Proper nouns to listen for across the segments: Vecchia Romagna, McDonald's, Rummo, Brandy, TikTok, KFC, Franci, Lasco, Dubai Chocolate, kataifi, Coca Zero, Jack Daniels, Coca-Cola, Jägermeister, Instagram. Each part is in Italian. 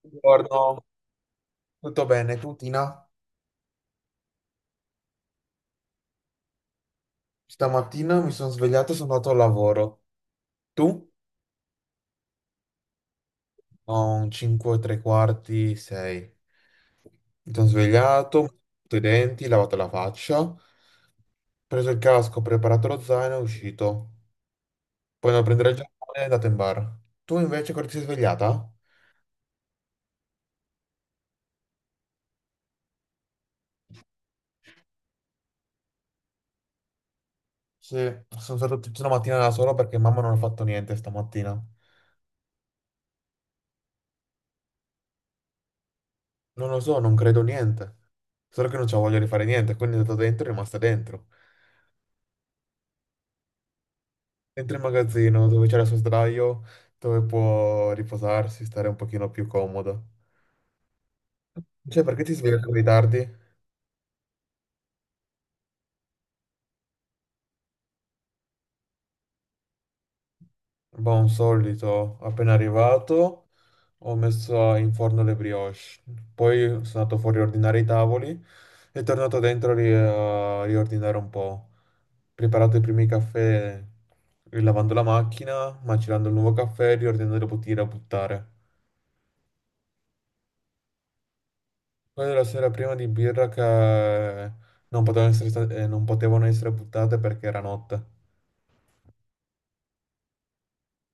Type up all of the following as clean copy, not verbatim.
Buongiorno, tutto bene? Tu, Tina? Stamattina mi sono svegliato e sono andato al lavoro. Tu? Ho un 5 e tre quarti, 6. Mi sono svegliato, mi sono lavato i denti, lavato la faccia, ho preso il casco, ho preparato lo zaino e uscito. Poi andato a prendere il giornale e è andato in bar. Tu invece quando ti sei svegliata? Sì, sono stato tutta la mattina da solo perché mamma non ha fatto niente stamattina. Non lo so, non credo niente. Solo che non c'ho voglia di fare niente, quindi è andato dentro e è rimasta dentro. Dentro il magazzino dove c'era il suo sdraio, dove può riposarsi, stare un pochino più comodo. Cioè, perché ti svegli così tardi? Boh, un solito, appena arrivato. Ho messo in forno le brioche, poi sono andato fuori a ordinare i tavoli e tornato dentro a riordinare un po'. Preparato i primi caffè lavando la macchina, macerando il nuovo caffè, riordinando le bottiglie da buttare. Poi la sera prima di birra che non potevano essere, non potevano essere buttate perché era notte.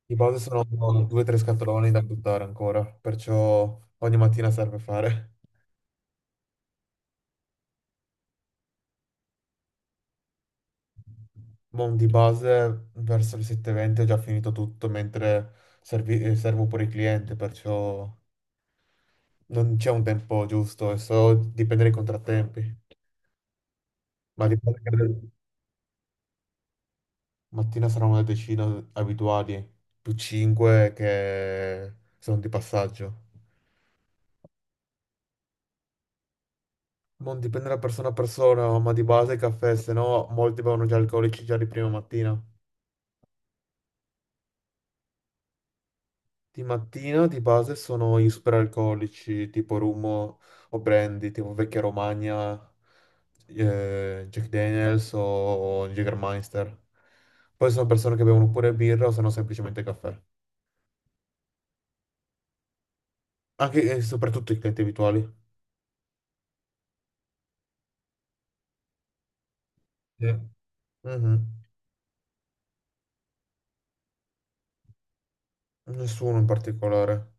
Di base sono due o tre scatoloni da buttare ancora, perciò ogni mattina serve fare. Boh, di base verso le 7:20 ho già finito tutto mentre servo pure il cliente, perciò non c'è un tempo giusto e so dipende dai contrattempi. Ma di base credo mattina saranno una decina abituali, più 5 che sono di passaggio. Non dipende da persona a persona, ma di base il caffè, se no molti bevono già alcolici già di prima mattina. Di mattina di base sono i superalcolici tipo Rummo o Brandy, tipo Vecchia Romagna, Jack Daniels o Jägermeister. Poi sono persone che bevono pure birra o se no semplicemente caffè. Anche e soprattutto i clienti abituali. Sì. Mhm. Nessuno in particolare.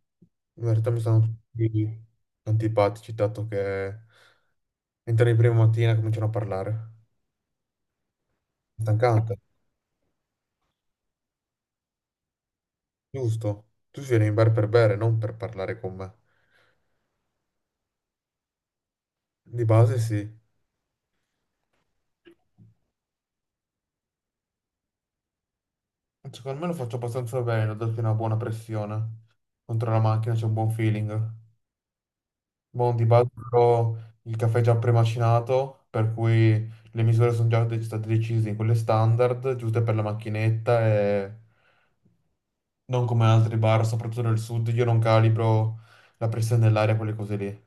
In verità mi sono tutti antipatici, dato che entri in prima mattina e cominciano a parlare. Stancante, giusto? Tu vieni in bar per bere, non per parlare con me. Di base sì. Secondo me lo faccio abbastanza bene, ho dato una buona pressione. Contro la macchina c'è un buon feeling. Buon di base però, il caffè è già premacinato, per cui le misure sono già state decise, in quelle standard, giuste per la macchinetta e non come altri bar, soprattutto nel sud, io non calibro la pressione dell'aria, quelle cose lì. Eh,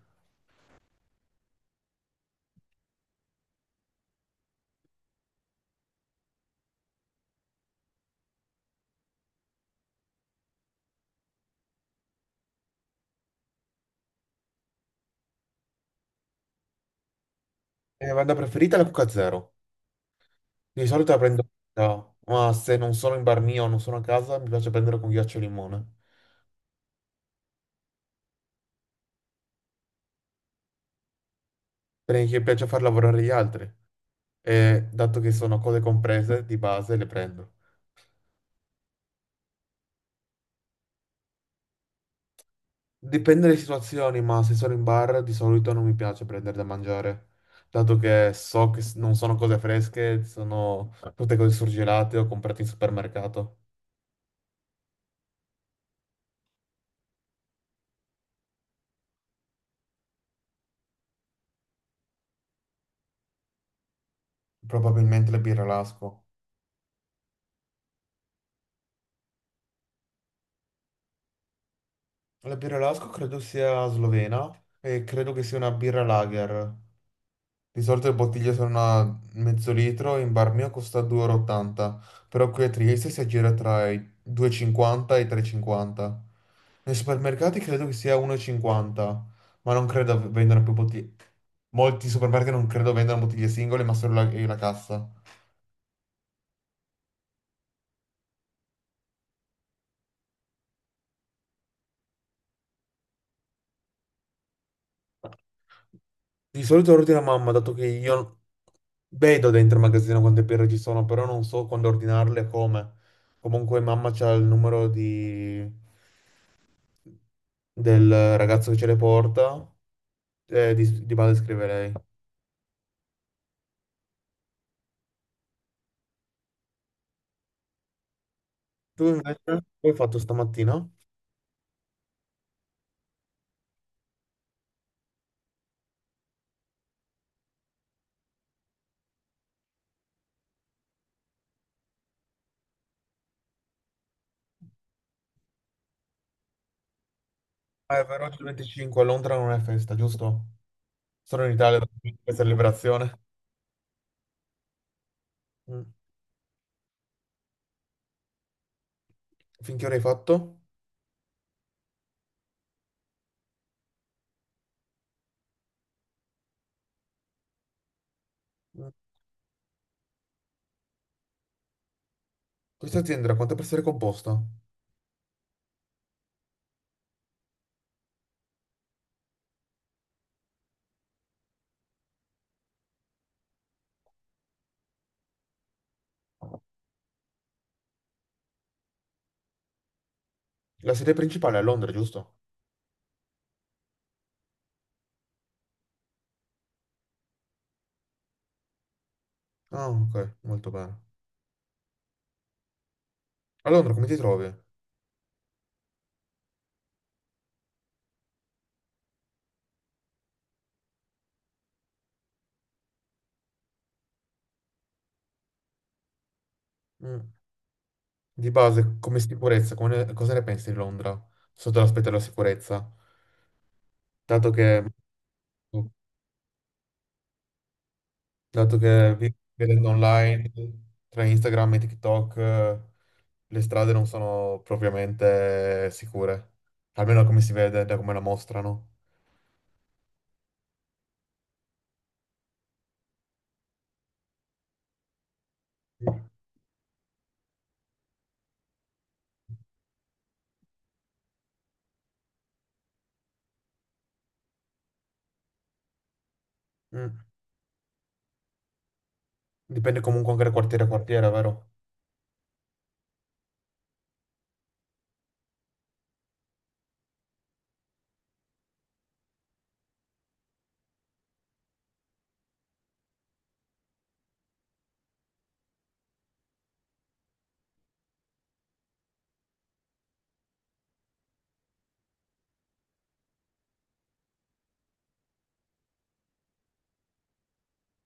vada preferita la Coca Zero. Di solito la prendo, no, ma se non sono in bar mio, non sono a casa, mi piace prendere con ghiaccio e limone. Perché mi piace far lavorare gli altri e dato che sono cose comprese di base le prendo. Dipende dalle situazioni, ma se sono in bar di solito non mi piace prendere da mangiare, dato che so che non sono cose fresche, sono tutte cose surgelate o comprate in supermercato. Probabilmente la birra Lasco. La birra Lasco credo sia slovena e credo che sia una birra lager. Di solito le bottiglie sono a mezzo litro, in bar mio costa 2,80 euro, e ottanta, però qui a Trieste si aggira tra i 2,50 e cinquanta e i 3,50. Nei supermercati credo che sia 1,50, ma non credo vendano più bottiglie. Molti supermercati non credo vendano bottiglie singole, ma solo la cassa. Di solito ordino a mamma, dato che io vedo dentro il magazzino quante birre ci sono, però non so quando ordinarle e come. Comunque mamma c'ha il numero di... del ragazzo che ce le porta, di base scrive lei. Tu invece, cosa hai fatto stamattina? Ah, è vero, oggi è il 25, a Londra non è festa, giusto? Sono in Italia da questa liberazione. Mm. Finché ora hai fatto? Mm. Questa azienda da quante persone è composta? La sede principale è a Londra, giusto? Ah, ok, molto bene. A Londra come ti trovi? Mm. Di base, come sicurezza, cosa ne pensi di Londra? Sotto l'aspetto della sicurezza? Dato che... dato che vedendo online tra Instagram e TikTok le strade non sono propriamente sicure, almeno da come si vede, da come la mostrano. Mm. Dipende comunque anche da quartiere a quartiere, vero?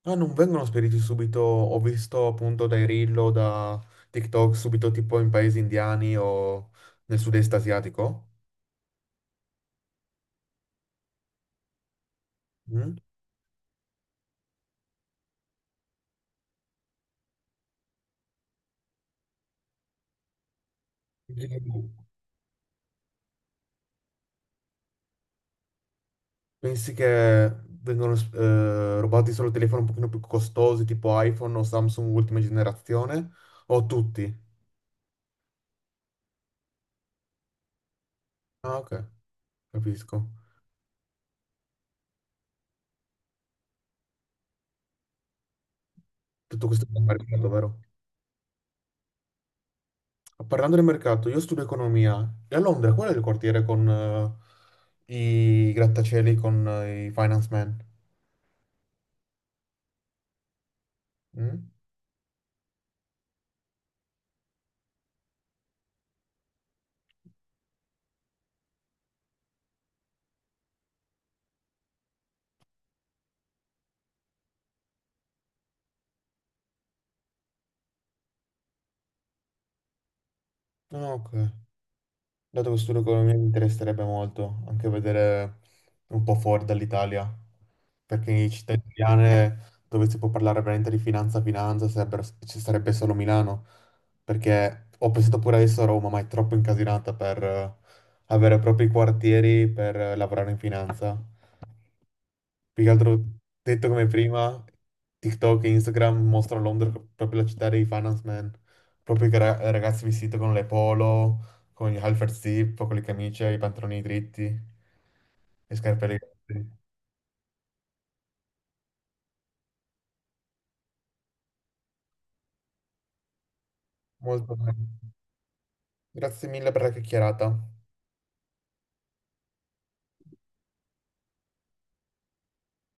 Ah, non vengono spediti subito, ho visto appunto dai reel o da TikTok subito tipo in paesi indiani o nel sud-est asiatico. Mm? Pensi che vengono rubati solo telefoni un pochino più costosi, tipo iPhone o Samsung ultima generazione? O tutti? Ah, ok, capisco. Tutto questo è il mercato, vero? Parlando del mercato, io studio economia. E a Londra qual è il quartiere con i grattacieli, con i finance men? Mm? Ah, ok. Dato che studio economia mi interesserebbe molto anche vedere un po' fuori dall'Italia, perché in città italiane dove si può parlare veramente di finanza, finanza, ci sarebbe solo Milano, perché ho pensato pure adesso a Roma, ma è troppo incasinata per avere proprio i quartieri per lavorare in finanza. Più che altro detto come prima, TikTok e Instagram mostrano Londra proprio la città dei finance man, proprio che ragazzi vestiti con le polo, con gli halter zip, con le camicie, i pantaloni dritti, le scarpe eleganti. Molto bene. Grazie mille per la chiacchierata.